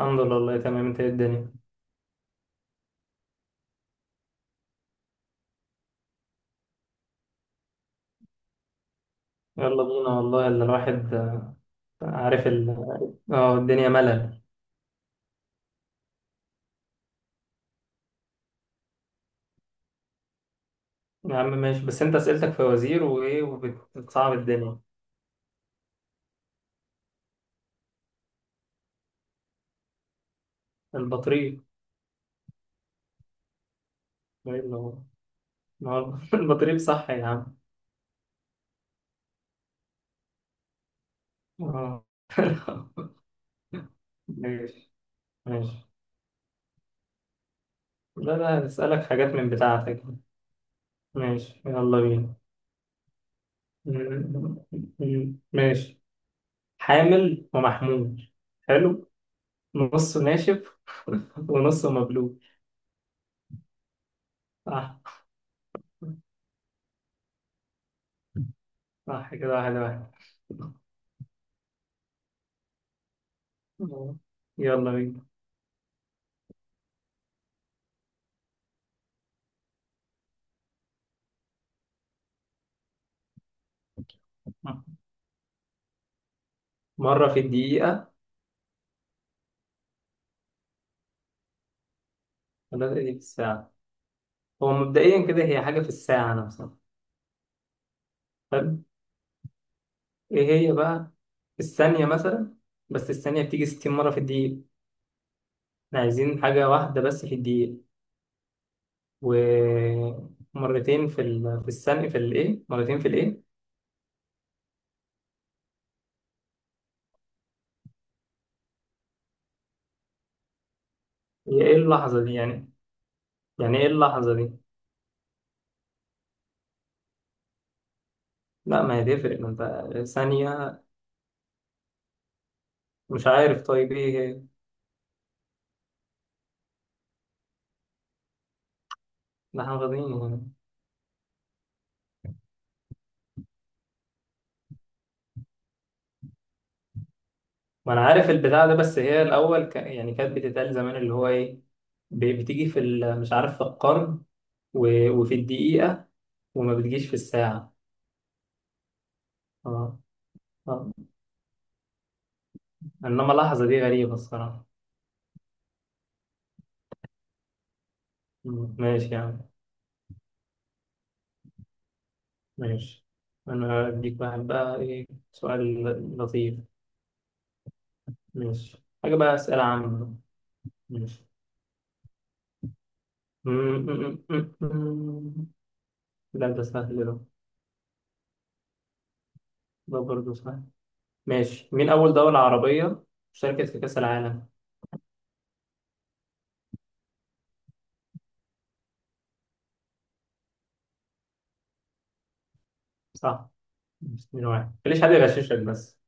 الحمد لله، والله تمام. انت، ايه الدنيا؟ يلا بينا، والله اللي الواحد عارف ال... اه الدنيا ملل. يا عم ماشي، بس انت اسئلتك في وزير وايه وبتصعب الدنيا. البطريق. ايه اللي هو؟ ما هو البطريق صح يا عم. اه ماشي ماشي. لا لا، هسألك حاجات من بتاعتك. ماشي، يلا بينا. م- ماشي. حامل ومحمول. حلو. نصه ناشف ونصه مبلول. صح. صح، كده واحد واحد. آه. يلا بينا. مرة في الدقيقة. ولا دي في الساعة. هو مبدئيا كده هي حاجة في الساعة نفسها. طب، ايه هي بقى؟ الثانية مثلا. بس الثانية بتيجي 60 مرة في الدقيقة. احنا عايزين حاجة واحدة بس في الدقيقة. ومرتين في الثانية، في الايه؟ مرتين في الايه؟ هي ايه اللحظة دي، يعني؟ يعني ايه اللحظة دي؟ لا ما هي تفرق، ما انت ثانية. مش عارف، طيب ايه هي؟ لا، احنا غاضبين. ما انا عارف البتاع ده، بس هي الاول يعني كانت بتتقال زمان، اللي هو ايه. بتيجي مش عارف، في القرن. وفي الدقيقة. وما بتجيش في الساعة. اه، اه. انما لحظة دي غريبة الصراحة. مم. ماشي يا عم. ماشي. انا اديك واحد بقى، ايه، سؤال لطيف. ماشي، حاجة بقى، اسئلة عامة. ماشي. مم، مم، مم، مم. لا ده سهل ده. ده برضه سهل. ماشي. مين أول دولة عربية شاركت في كأس العالم؟ صح. مش 2-1، ليش حد يغششك بس.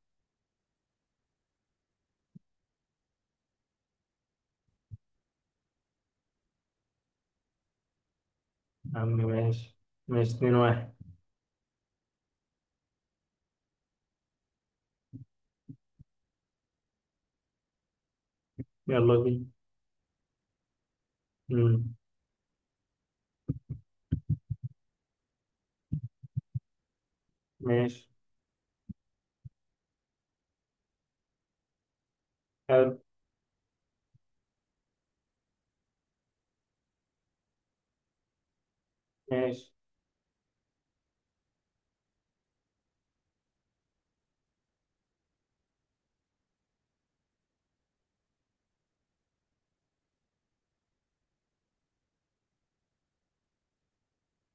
يا عم ماشي. ماشي 2-1. يلا بينا. مم. ماشي. حلو. ماشي.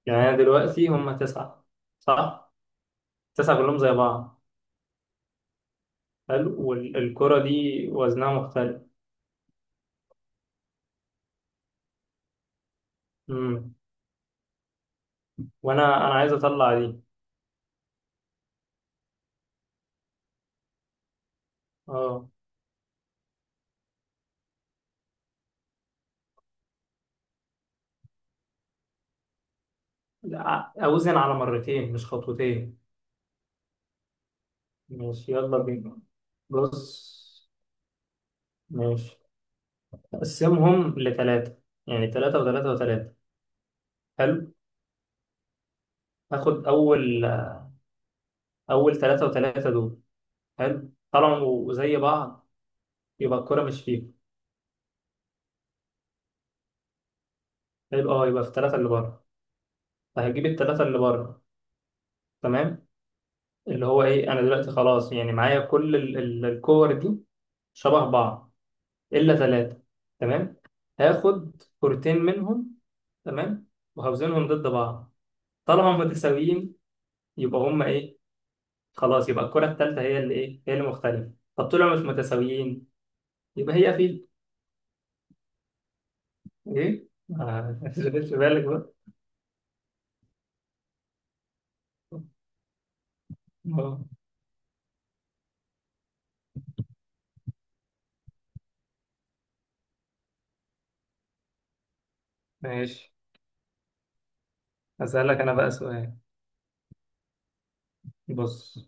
يعني أنا دلوقتي هما تسعة، صح؟ تسعة كلهم زي بعض. حلو، والكرة دي وزنها مختلف. مم. وأنا أنا عايز أطلع دي. أه، لا، أوزن على مرتين مش خطوتين. ماشي، يلا بينا. بص. ماشي. أقسمهم لتلاتة، يعني تلاتة وتلاتة وتلاتة. حلو. هاخد أول تلاتة وتلاتة دول. حلو، طالما زي بعض يبقى الكرة مش فيهم. حلو، اه، يبقى في الثلاثة اللي بره. فهجيب الثلاثة اللي بره. تمام. اللي هو ايه، انا دلوقتي خلاص يعني معايا كل الكور دي شبه بعض الا ثلاثة. تمام. هاخد كورتين منهم. تمام. وهوزنهم ضد بعض. طالما هم متساويين يبقى هم ايه، خلاص يبقى الكرة الثالثة هي اللي ايه، هي اللي مختلفة. طب طول ما مش متساويين يبقى هي في ايه. ما تشغلش بالك بقى. آه، ماشي. أسألك أنا بقى سؤال. بص.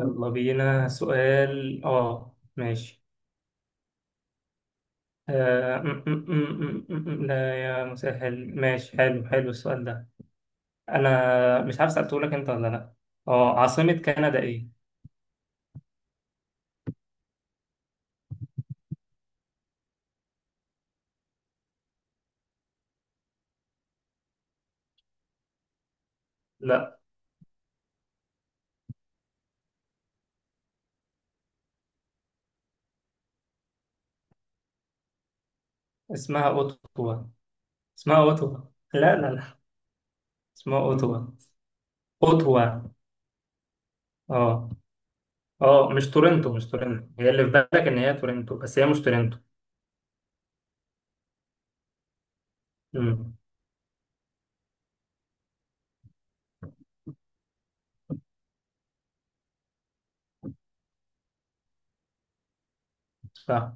يلا بينا سؤال ماشي. م -م -م -م -م. لا يا مسهل، ماشي، حلو حلو السؤال ده. أنا مش عارف سألته لك أنت ولا لأ. عاصمة كندا إيه؟ لأ. اسمها أوتوا. اسمها أوتوا. لا لا لا. اسمها أوتوا. أوتوا. آه. آه، مش تورنتو، مش تورنتو هي اللي في بالك إن هي تورنتو بس هي مش تورنتو. امم. صح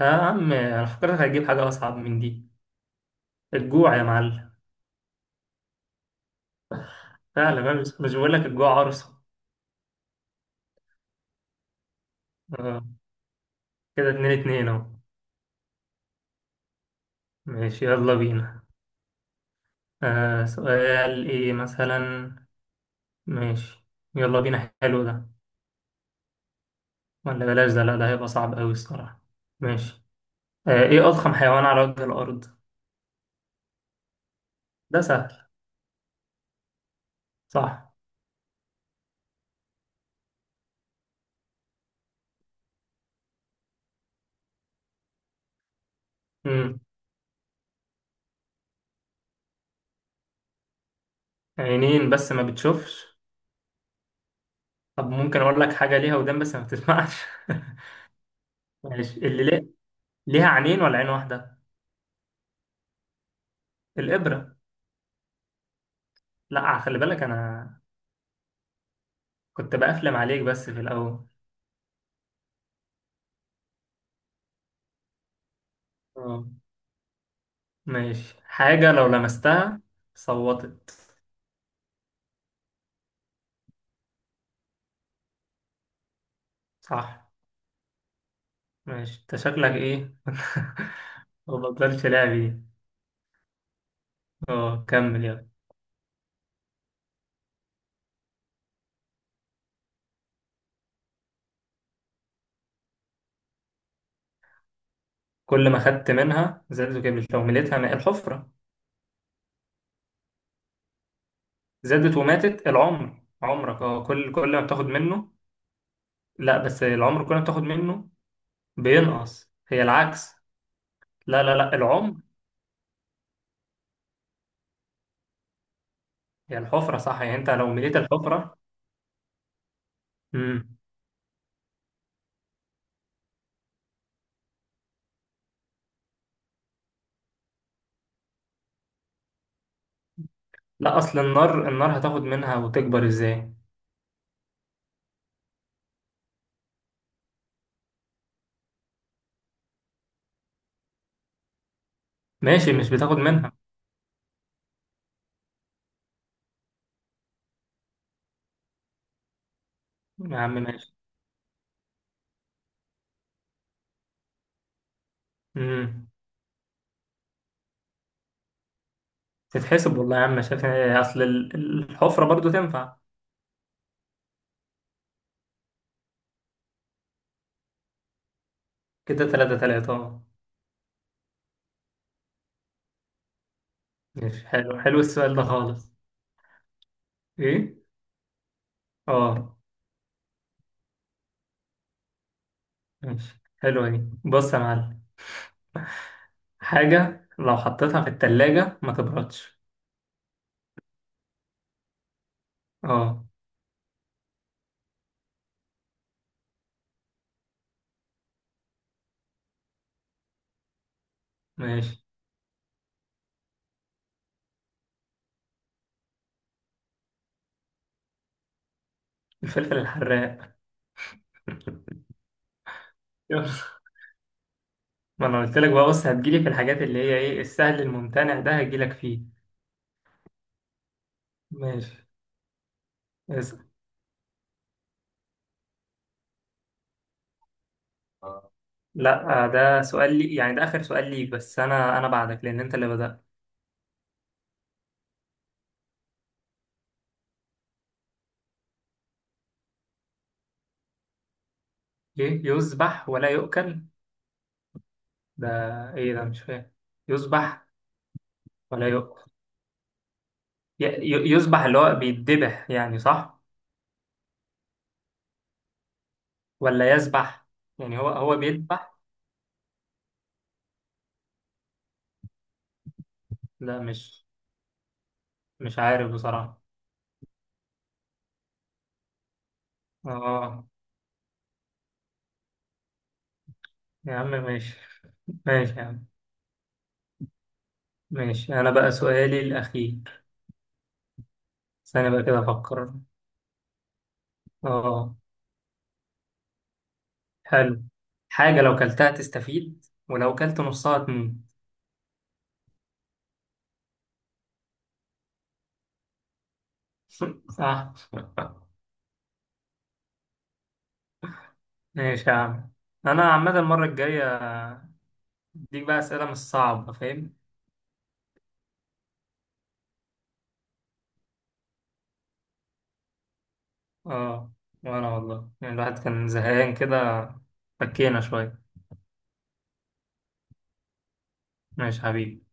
يا عم. أنا فكرتك هتجيب حاجة أصعب من دي. الجوع يا معلم. فعلا بقى، بس مش بقول لك الجوع عرصة. آه. كده 2-2 اهو. ماشي، يلا بينا. سؤال، ايه مثلا؟ ماشي، يلا بينا، حلو ده. ولا بلاش ده، لا ده هيبقى صعب قوي الصراحة. ماشي. ايه أضخم حيوان على وجه الأرض؟ ده سهل. صح. مم. عينين بس ما بتشوفش. طب ممكن أقول لك حاجة ليها ودان بس ما بتسمعش؟ ماشي، اللي ليه. ليها عينين ولا عين واحدة؟ الإبرة. لا، خلي بالك، أنا كنت بقفلم عليك بس في الأول. آه. ماشي. حاجة لو لمستها صوتت. صح. ماشي، انت شكلك ايه؟ ما بطلش لعب دي. اه، كمل يلا. كل ما خدت منها زادت وكبرت، لو مليتها ماء، الحفرة؟ زادت وماتت، العمر عمرك، اه، كل ما بتاخد منه. لا بس العمر كل ما بتاخد منه بينقص، هي العكس. لا لا لا، العمر. هي الحفرة صح، يعني انت لو مليت الحفرة. امم. لا، اصل النار، النار هتاخد منها وتكبر ازاي؟ ماشي، مش بتاخد منها. يا عم ماشي. امم. تتحسب والله يا عم، شايف إيه، اصل الحفرة برضو تنفع. كده 3-3 اه. ماشي. حلو حلو السؤال ده خالص. ايه. اه. ماشي، حلوة دي، بص يا معلم. حاجة لو حطيتها في التلاجة ما تبردش. اه. ماشي. الفلفل الحراق. يلا. ما انا قلت لك بقى، بص، هتجيلي في الحاجات اللي هي ايه، السهل الممتنع ده هتجيلك فيه. ماشي. اسأل. لا، ده سؤال لي، يعني ده اخر سؤال ليك بس انا بعدك لان انت اللي بدأت. ايه، يذبح ولا يؤكل؟ ده ايه ده، مش فاهم. يذبح ولا يؤكل. يذبح اللي هو بيتذبح يعني صح. ولا يذبح. يعني هو بيذبح. لا، مش، مش عارف بصراحة. اه، يا عم ماشي ماشي يا عم. ماشي، انا بقى سؤالي الاخير. استنى بقى كده افكر. اه. حلو. حاجة لو كلتها تستفيد، ولو كلت نصها تموت. صح ماشي يا عم. انا عامة المرة الجاية اديك بقى اسئلة مش صعبة فاهم. اه. وانا والله يعني الواحد كان زهقان كده، فكينا شوية. ماشي حبيبي.